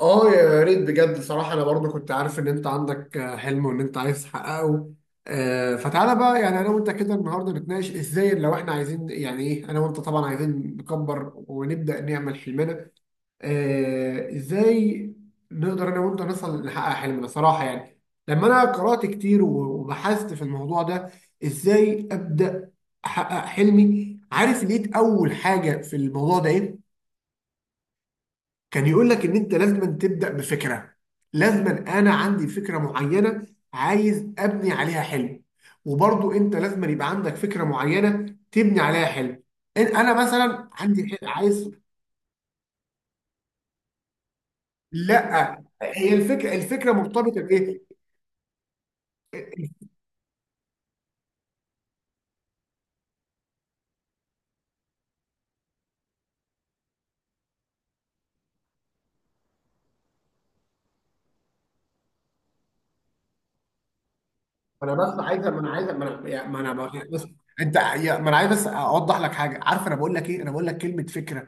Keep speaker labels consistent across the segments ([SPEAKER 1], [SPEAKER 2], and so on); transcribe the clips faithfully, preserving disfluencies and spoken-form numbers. [SPEAKER 1] اه، يا ريت بجد صراحة. أنا برضو كنت عارف إن أنت عندك آه، حلم وإن أنت عايز تحققه. آه، فتعالى بقى، يعني أنا وأنت كده النهاردة نتناقش إزاي، لو إحنا عايزين، يعني إيه، أنا وأنت طبعا عايزين نكبر ونبدأ نعمل حلمنا. آه، إزاي نقدر أنا وأنت نصل نحقق حلمنا صراحة؟ يعني لما أنا قرأت كتير و- وبحثت في الموضوع ده، إزاي أبدأ أحقق حلمي، عارف؟ لقيت أول حاجة في الموضوع ده إيه؟ كان يقول لك ان انت لازم تبدا بفكره، لازم انا عندي فكره معينه عايز ابني عليها حلم، وبرضو انت لازم يبقى عندك فكره معينه تبني عليها حلم. إن- انا مثلا عندي حل- عايز... لا، هي الفكره، الفكره مرتبطه بايه؟ انا بس عايز ما انا عايز ما انا يعني ما انا ب- بس انت يا- ما انا عايز بس اوضح لك حاجه. عارف انا بقول لك ايه؟ انا بقول لك كلمه فكره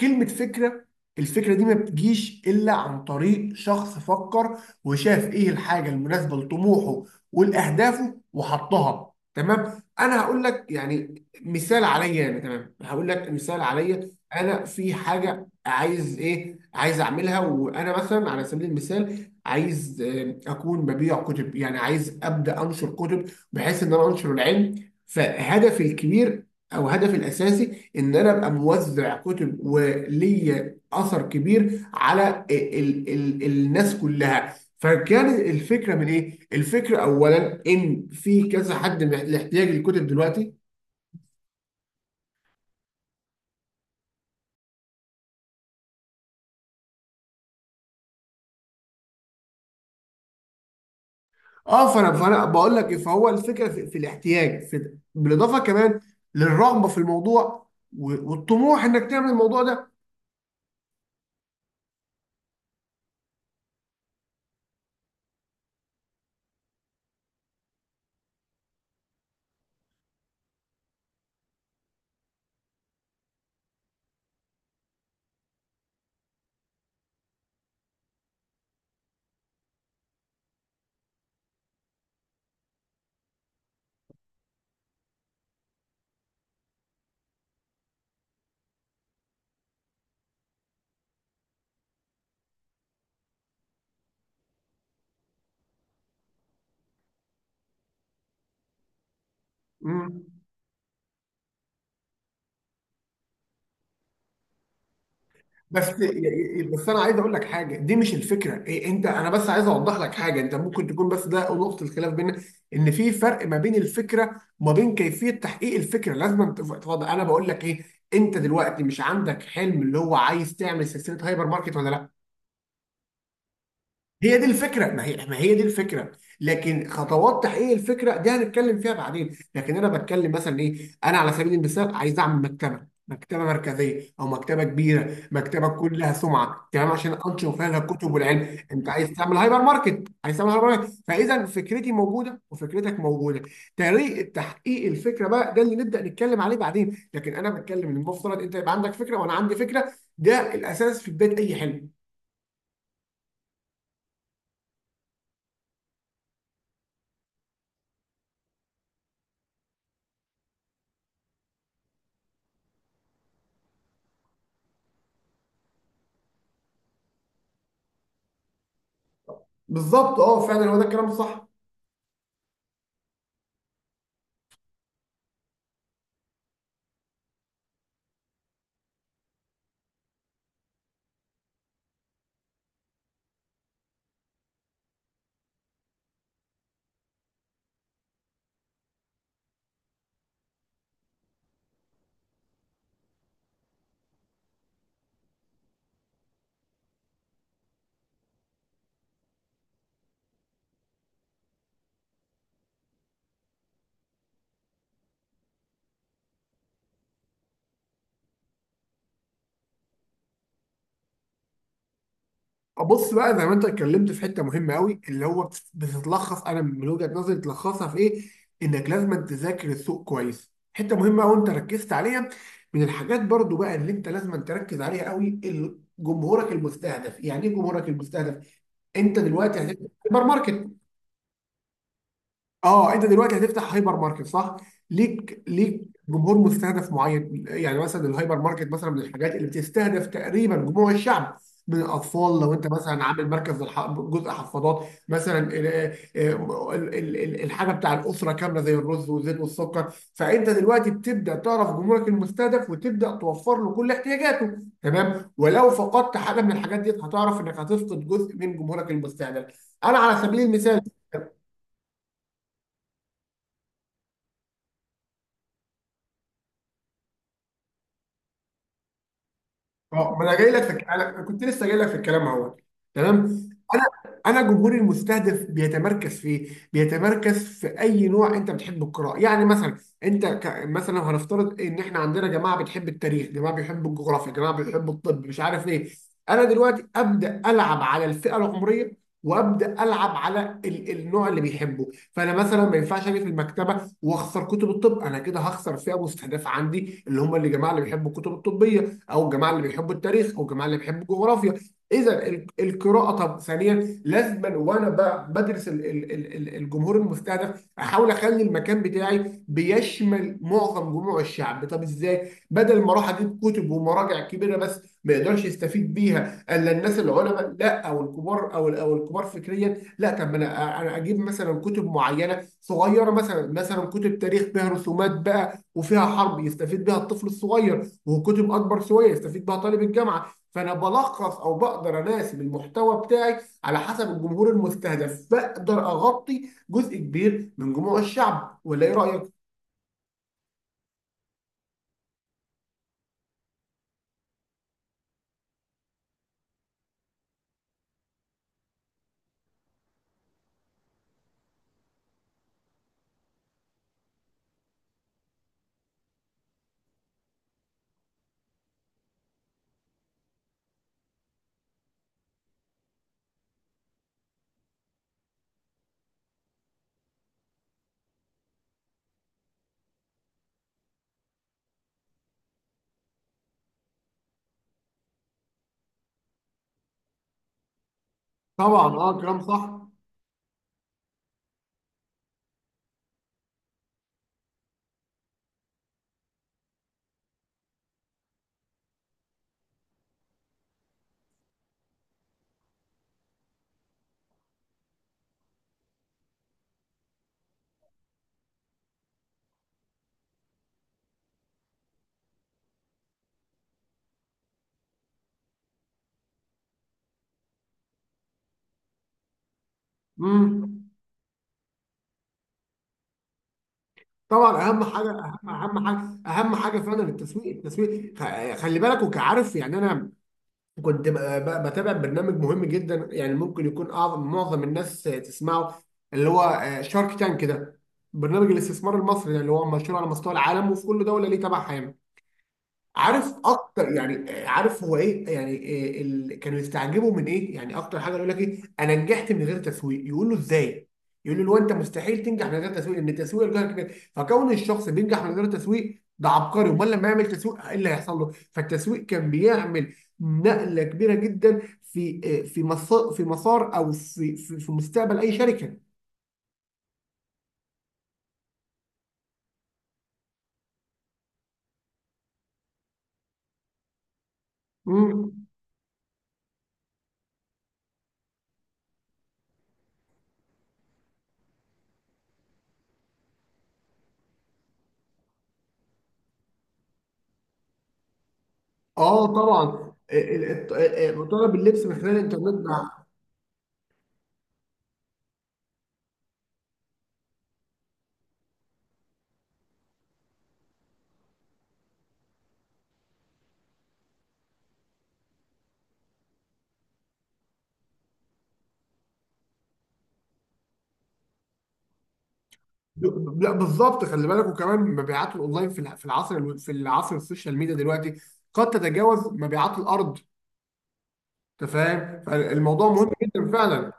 [SPEAKER 1] كلمه فكره الفكره دي ما بتجيش الا عن طريق شخص فكر وشاف ايه الحاجه المناسبه لطموحه ولاهدافه وحطها. تمام، انا هقول لك يعني مثال عليا، انا تمام هقول لك مثال عليا. انا في حاجه عايز ايه؟ عايز اعملها، وانا مثلا على سبيل المثال عايز آه، اكون ببيع كتب، يعني عايز ابدا انشر كتب بحيث ان انا انشر العلم، فهدفي الكبير او هدفي الاساسي ان انا ابقى موزع كتب وليا اثر كبير على ال ال الناس كلها. فكان الفكره من ايه؟ الفكره اولا ان في كذا حد محتاج الكتب دلوقتي. اه، فانا فانا بقول لك إيه، فهو الفكره في, في الاحتياج، في بالاضافه كمان للرغبه في الموضوع و- والطموح انك تعمل الموضوع ده. مم. بس بس انا عايز اقول لك حاجه، دي مش الفكره إيه انت. انا بس عايز اوضح لك حاجه، انت ممكن تكون، بس ده نقطه الخلاف بيننا. ان في فرق ما بين الفكره وما بين كيفيه تحقيق الفكره. لازم تف- تفضل، انا بقول لك ايه. انت دلوقتي مش عندك حلم اللي هو عايز تعمل سلسله هايبر ماركت ولا لا؟ هي دي الفكره، ما هي ما هي دي الفكره. لكن خطوات تحقيق الفكره دي هنتكلم فيها بعدين، لكن انا بتكلم مثلا ايه. انا على سبيل المثال عايز اعمل مكتبه مكتبه مركزيه او مكتبه كبيره، مكتبه تكون لها سمعه، تمام، عشان انشر فيها الكتب والعلم. انت عايز تعمل هايبر ماركت، عايز تعمل هايبر ماركت، فاذا فكرتي موجوده وفكرتك موجوده. طريقه تحقيق الفكره بقى ده اللي نبدا نتكلم عليه بعدين، لكن انا بتكلم ان المفترض انت يبقى عندك فكره وانا عندي فكره. ده الاساس في بدايه اي حلم. بالظبط، اه فعلا هو ده الكلام الصح. بص بقى، زي ما انت اتكلمت في حته مهمه قوي، اللي هو بت- بتتلخص، انا من وجهه نظري تلخصها في ايه؟ انك لازم تذاكر السوق كويس. حته مهمه قوي انت ركزت عليها. من الحاجات برضو بقى اللي انت لازم تركز عليها قوي، ال- جمهورك المستهدف، يعني ايه جمهورك المستهدف؟ انت دلوقتي هتبقى سايبر ماركت. اه، انت دلوقتي هتفتح هايبر ماركت صح؟ ليك ليك جمهور مستهدف معين، يعني مثلا الهايبر ماركت مثلا من الحاجات اللي بتستهدف تقريبا جموع الشعب، من الاطفال. لو انت مثلا عامل مركز للح- جزء حفاضات مثلا، ال- آه، ال- ال- ال- الحاجه بتاع الاسره كامله زي الرز والزيت والسكر، فانت دلوقتي بتبدا تعرف جمهورك المستهدف وتبدا توفر له كل احتياجاته. تمام، ولو فقدت حاجه من الحاجات دي هتعرف انك هتفقد جزء من جمهورك المستهدف. انا على سبيل المثال، اه ما انا جاي لك في الك- أنا كنت لسه جاي لك في الكلام اهو. تمام. انا انا جمهوري المستهدف بيتمركز في ايه؟ بيتمركز في اي نوع انت بتحب القراءه. يعني مثلا انت ك... مثلا هنفترض ان احنا عندنا جماعه بتحب التاريخ، جماعه بيحبوا الجغرافيا، جماعه بيحبوا الطب، مش عارف ايه. انا دلوقتي ابدا العب على الفئه العمريه، وابدا العب على ال... النوع اللي بيحبه. فانا مثلا ما ينفعش اجي في المكتبه واخسر كتب الطب، انا كده هخسر فئه مستهدفه عندي، اللي هم اللي جماعه اللي بيحبوا الكتب الطبيه، او الجماعه اللي بيحبوا التاريخ، او الجماعه اللي بيحبوا الجغرافيا. اذا ال- القراءه. طب ثانيا لازما، وانا ب- بدرس ال- ال- ال- ال- الجمهور المستهدف، احاول اخلي المكان بتاعي بيشمل معظم جموع الشعب. طب ازاي؟ بدل ما اروح اجيب كتب ومراجع كبيره بس ما يقدرش يستفيد بيها الا الناس العلماء، لا، او الكبار، او ال- او الكبار فكريا، لا. طب ما انا انا اجيب مثلا كتب معينه صغيره، مثلا مثلا كتب تاريخ فيها رسومات بقى وفيها حرب يستفيد بها الطفل الصغير، وكتب اكبر شويه يستفيد بها طالب الجامعه. فانا بلخص، او بقدر اناسب المحتوى بتاعي على حسب الجمهور المستهدف، بقدر اغطي جزء كبير من جموع الشعب، ولا ايه رايك؟ طبعا، اه كلام صح. امم، طبعا اهم حاجه، اهم اهم حاجه اهم حاجه فعلا التسويق. التسويق خ- خلي بالك. وكعارف يعني، انا كنت ب- ب- بتابع برنامج مهم جدا، يعني ممكن يكون اعظم معظم الناس تسمعه، اللي هو شارك تانك كده، برنامج الاستثمار المصري ده اللي هو مشهور على مستوى العالم وفي كل دوله ليه تبعها يعني. عارف اكتر يعني، عارف هو ايه، يعني إيه ال... كانوا يستعجبوا من ايه؟ يعني اكتر حاجه يقول لك ايه، انا نجحت من غير تسويق، يقول له ازاي؟ يقول له لو انت مستحيل تنجح من غير تسويق، لان التسويق الجهل كبير، فكون الشخص بينجح من غير تسويق ده عبقري، امال لما يعمل تسويق ايه اللي هيحصل له؟ فالتسويق كان بيعمل نقله كبيره جدا في آه، في مسار في مسار او في في, في مستقبل اي شركه. مم. اه طبعا، ال- ال- ال- طلب اللبس من خلال الانترنت ده. ب- لا، بالظبط، خلي بالك. وكمان مبيعات الاونلاين في الع- في العصر الو- في العصر السوشيال ميديا دلوقتي قد تتجاوز مبيعات الارض. انت فاهم، فالموضوع مهم جدا فعلا.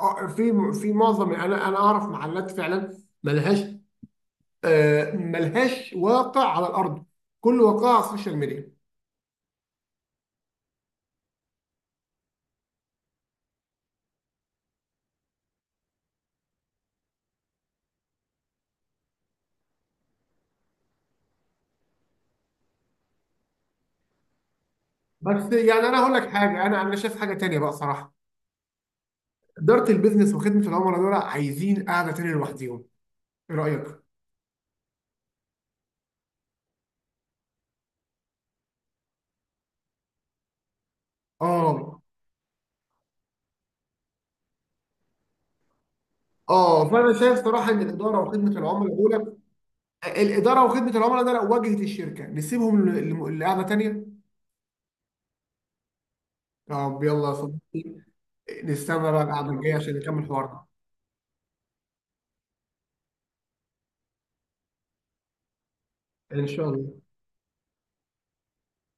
[SPEAKER 1] آه، في في معظم انا انا اعرف محلات فعلا ملهاش، آه، ملهاش واقع على الارض، كل واقعها على السوشيال ميديا. بس يعني انا هقول لك حاجه، انا انا شايف حاجه تانيه بقى صراحه. اداره البيزنس وخدمه العملاء دول عايزين قاعده تانيه لوحديهم، ايه رايك؟ اه، اه، فانا شايف صراحه ان الاداره وخدمه العملاء دول. الاداره وخدمه العملاء ده لو واجهه الشركه نسيبهم ل- لقعده تانيه. طب يلا يا صديقي، نستنى بقى القعده الجايه عشان نكمل حوارنا. ان شاء الله.